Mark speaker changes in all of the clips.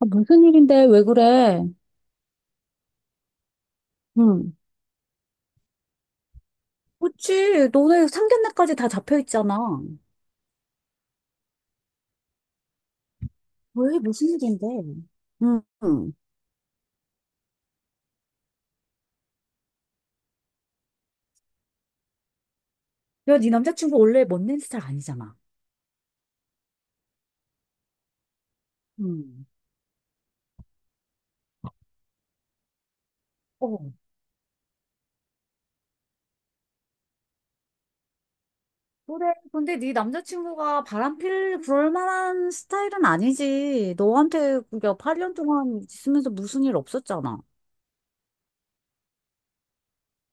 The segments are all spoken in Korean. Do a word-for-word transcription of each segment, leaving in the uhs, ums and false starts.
Speaker 1: 아, 무슨 일인데? 왜 그래? 응. 그치, 너네 상견례까지 다 잡혀 있잖아. 왜? 무슨 일인데? 응. 응. 야, 네 남자친구 원래 멋낸 스타일 아니잖아. 응. 어. 그래. 근데 네 남자친구가 바람필 그럴 만한 스타일은 아니지. 너한테 그게 팔 년 동안 있으면서 무슨 일 없었잖아.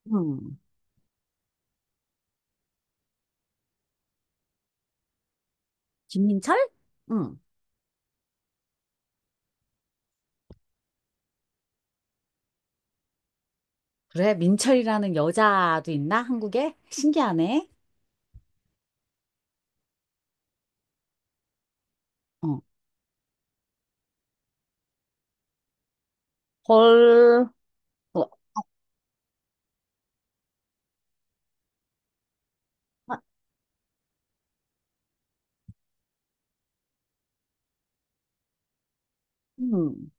Speaker 1: 응. 김민철? 응. 그래, 민철이라는 여자도 있나? 한국에? 신기하네. 어. 헐. 어. 아, 응.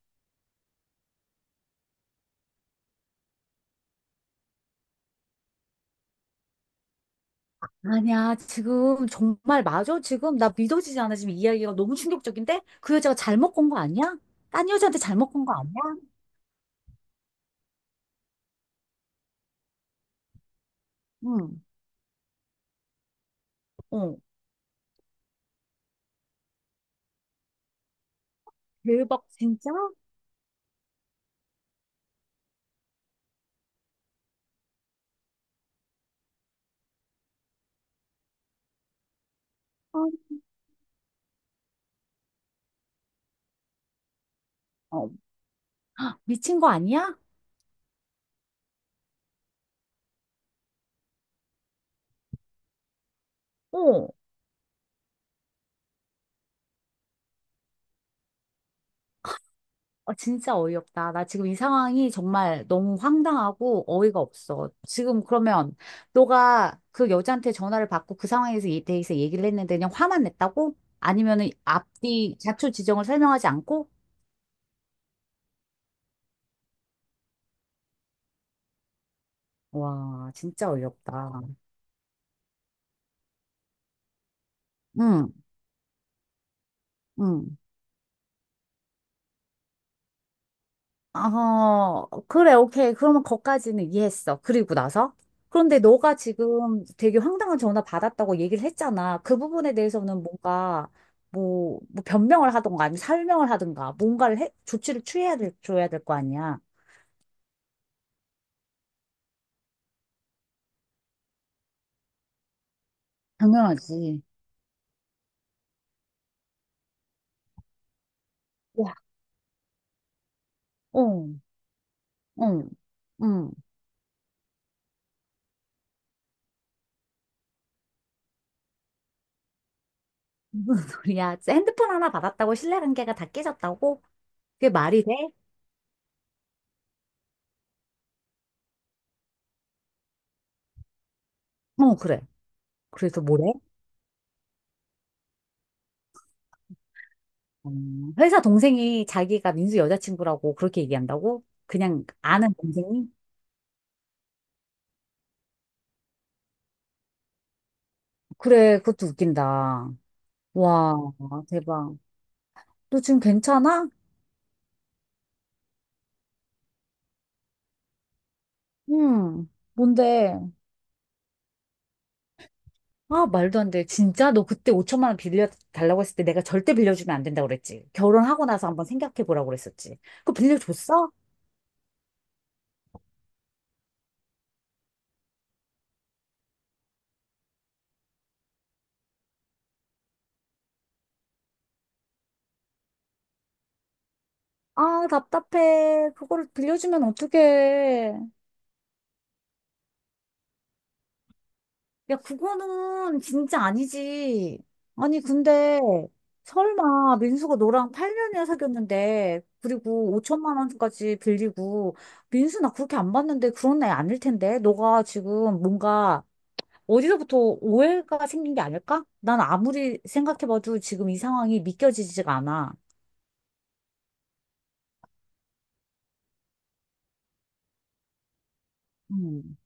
Speaker 1: 아니야, 지금 정말 맞아. 지금 나 믿어지지 않아. 지금 이야기가 너무 충격적인데? 그 여자가 잘못 건 거 아니야? 딴 여자한테 잘못 건 거 아니야? 응. 어. 대박, 진짜? 어. 어. 미친 거 아니야? 어. 아 진짜 어이없다. 나 지금 이 상황이 정말 너무 황당하고 어이가 없어. 지금 그러면 너가 그 여자한테 전화를 받고 그 상황에서 이 대해서 얘기를 했는데 그냥 화만 냈다고? 아니면은 앞뒤 자초 지정을 설명하지 않고? 와, 진짜 어이없다. 응. 응. 어, 그래, 오케이. 그러면 거기까지는 이해했어. 그리고 나서? 그런데 너가 지금 되게 황당한 전화 받았다고 얘기를 했잖아. 그 부분에 대해서는 뭔가, 뭐, 뭐 변명을 하던가, 아니면 설명을 하던가, 뭔가를 해, 조치를 취해야 될, 줘야 될 거 아니야. 당연하지. 와, 어, 응, 응. 무슨 소리야? 진짜 핸드폰 하나 받았다고 신뢰관계가 다 깨졌다고? 그게 말이 돼? 어, 그래. 그래서 뭐래? 음, 회사 동생이 자기가 민수 여자친구라고 그렇게 얘기한다고? 그냥 아는 동생이? 그래, 그것도 웃긴다. 와, 대박. 너 지금 괜찮아? 응. 뭔데? 아, 말도 안 돼. 진짜? 너 그때 오천만 원 빌려 달라고 했을 때 내가 절대 빌려주면 안 된다고 그랬지. 결혼하고 나서 한번 생각해 보라고 그랬었지. 그거 빌려줬어? 아, 답답해. 그거를 빌려주면 어떡해. 야, 그거는 진짜 아니지. 아니, 근데 설마 민수가 너랑 팔 년이나 사귀었는데, 그리고 오천만 원까지 빌리고, 민수 나 그렇게 안 봤는데 그런 애 아닐 텐데. 너가 지금 뭔가 어디서부터 오해가 생긴 게 아닐까? 난 아무리 생각해봐도 지금 이 상황이 믿겨지지가 않아. 음.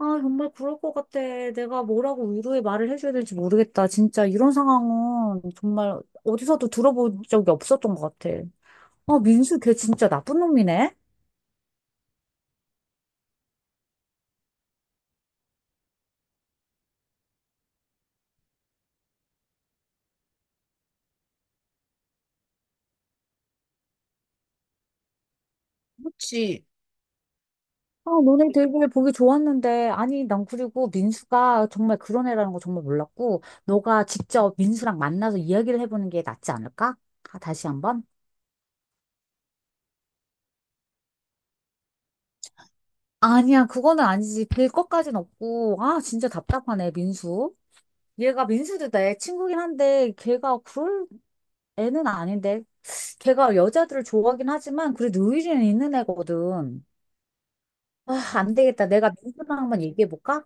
Speaker 1: 아, 정말 그럴 것 같아. 내가 뭐라고 위로의 말을 해줘야 될지 모르겠다. 진짜 이런 상황은 정말 어디서도 들어본 적이 없었던 것 같아. 아, 민수 걔 진짜 나쁜 놈이네. 그렇지. 아, 너네 되게 보기 좋았는데. 아니, 난 그리고 민수가 정말 그런 애라는 거 정말 몰랐고, 너가 직접 민수랑 만나서 이야기를 해보는 게 낫지 않을까? 아, 다시 한번? 아니야, 그거는 아니지. 될 것까진 없고. 아, 진짜 답답하네, 민수. 얘가 민수도 내 친구긴 한데, 걔가 그럴 애는 아닌데. 걔가 여자들을 좋아하긴 하지만, 그래도 의리는 있는 애거든. 아, 안 되겠다. 내가 민수랑 한번 얘기해볼까?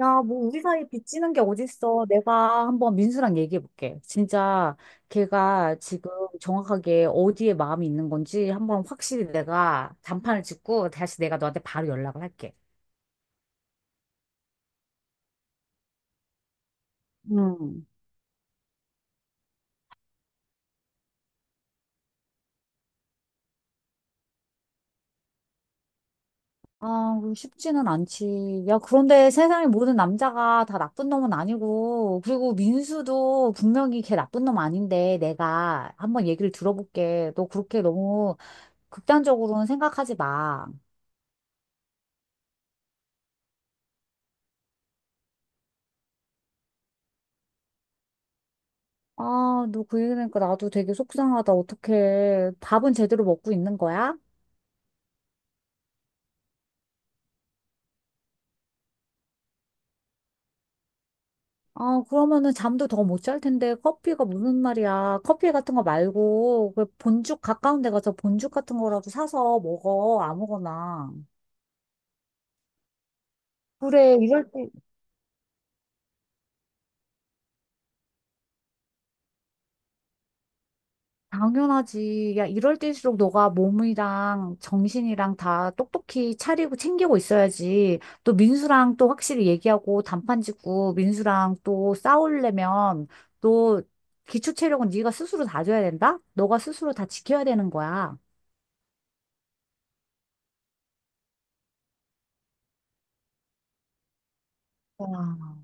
Speaker 1: 야, 뭐 우리 사이 빚지는 게 어딨어. 내가 한번 민수랑 얘기해 볼게. 진짜 걔가 지금 정확하게 어디에 마음이 있는 건지 한번 확실히 내가 단판을 짓고 다시 내가 너한테 바로 연락을 할게. 음. 아, 그거 쉽지는 않지. 야, 그런데 세상의 모든 남자가 다 나쁜 놈은 아니고, 그리고 민수도 분명히 걔 나쁜 놈 아닌데, 내가 한번 얘기를 들어볼게. 너 그렇게 너무 극단적으로는 생각하지 마. 아, 너 그 얘기하니까 나도 되게 속상하다. 어떡해. 밥은 제대로 먹고 있는 거야? 아, 그러면은 잠도 더 못 잘 텐데 커피가 무슨 말이야. 커피 같은 거 말고 그 본죽 가까운 데 가서 본죽 같은 거라도 사서 먹어. 아무거나. 그래, 이럴 때 당연하지. 야, 이럴 때일수록 너가 몸이랑 정신이랑 다 똑똑히 차리고 챙기고 있어야지. 또 민수랑 또 확실히 얘기하고 단판 짓고 민수랑 또 싸우려면 또 기초 체력은 네가 스스로 다져야 된다? 너가 스스로 다 지켜야 되는 거야. 와,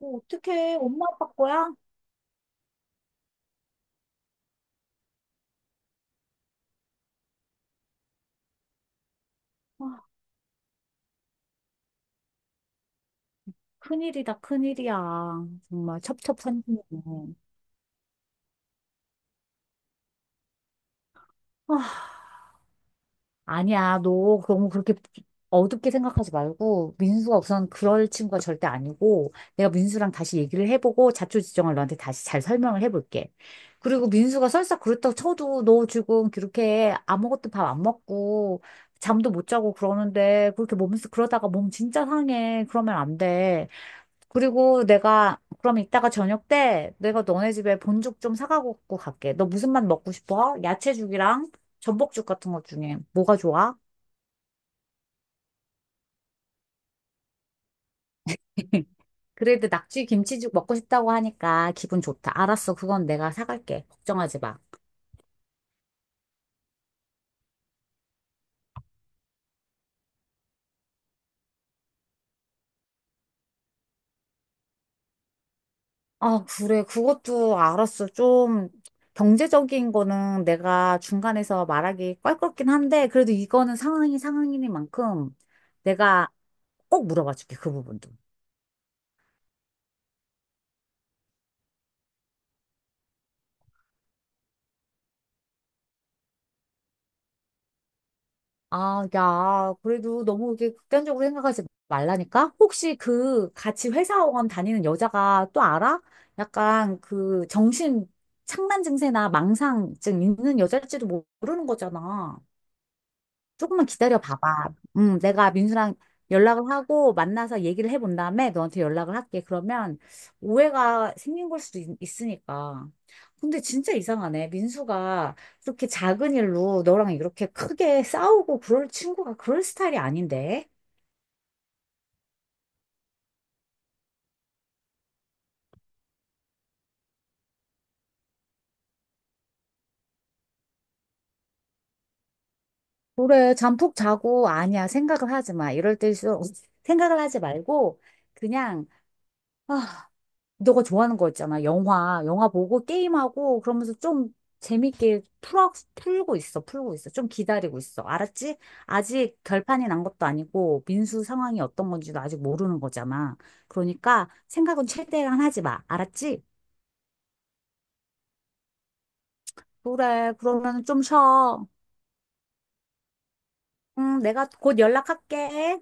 Speaker 1: 어, 어떡해. 엄마 아빠 거야? 아, 큰일이다, 큰일이야. 정말 첩첩산중이네. 아니야, 너 너무 그렇게 어둡게 생각하지 말고, 민수가 우선 그럴 친구가 절대 아니고, 내가 민수랑 다시 얘기를 해보고, 자초지종을 너한테 다시 잘 설명을 해볼게. 그리고 민수가 설사 그렇다고 쳐도, 너 지금 그렇게 아무것도 밥 안 먹고, 잠도 못 자고 그러는데, 그렇게 몸, 그러다가 몸 진짜 상해. 그러면 안 돼. 그리고 내가, 그럼 이따가 저녁 때 내가 너네 집에 본죽 좀 사가고 갈게. 너 무슨 맛 먹고 싶어? 야채죽이랑 전복죽 같은 것 중에 뭐가 좋아? 그래도 낙지 김치죽 먹고 싶다고 하니까 기분 좋다. 알았어. 그건 내가 사갈게. 걱정하지 마. 아, 그래. 그것도 알았어. 좀 경제적인 거는 내가 중간에서 말하기 껄끄럽긴 한데, 그래도 이거는 상황이 상황이니만큼 내가 꼭 물어봐 줄게. 그 부분도. 아, 야, 그래도 너무 이렇게 극단적으로 생각하지 말라니까? 혹시 그 같이 회사원 다니는 여자가 또 알아? 약간 그 정신 착란 증세나 망상증 있는 여자일지도 모르는 거잖아. 조금만 기다려 봐봐. 음, 내가 민수랑 연락을 하고 만나서 얘기를 해본 다음에 너한테 연락을 할게. 그러면 오해가 생긴 걸 수도 있, 있으니까. 근데 진짜 이상하네. 민수가 이렇게 작은 일로 너랑 이렇게 크게 싸우고 그럴 친구가 그럴 스타일이 아닌데. 그래, 잠푹 자고 아니야. 생각을 하지 마. 이럴 때일수록 생각을 하지 말고 그냥 아, 너가 좋아하는 거 있잖아. 영화, 영화 보고 게임하고 그러면서 좀 재밌게 풀어, 풀고 있어, 풀고 있어. 좀 기다리고 있어. 알았지? 아직 결판이 난 것도 아니고 민수 상황이 어떤 건지도 아직 모르는 거잖아. 그러니까 생각은 최대한 하지 마. 알았지? 그래, 그러면 좀 쉬어. 응, 내가 곧 연락할게.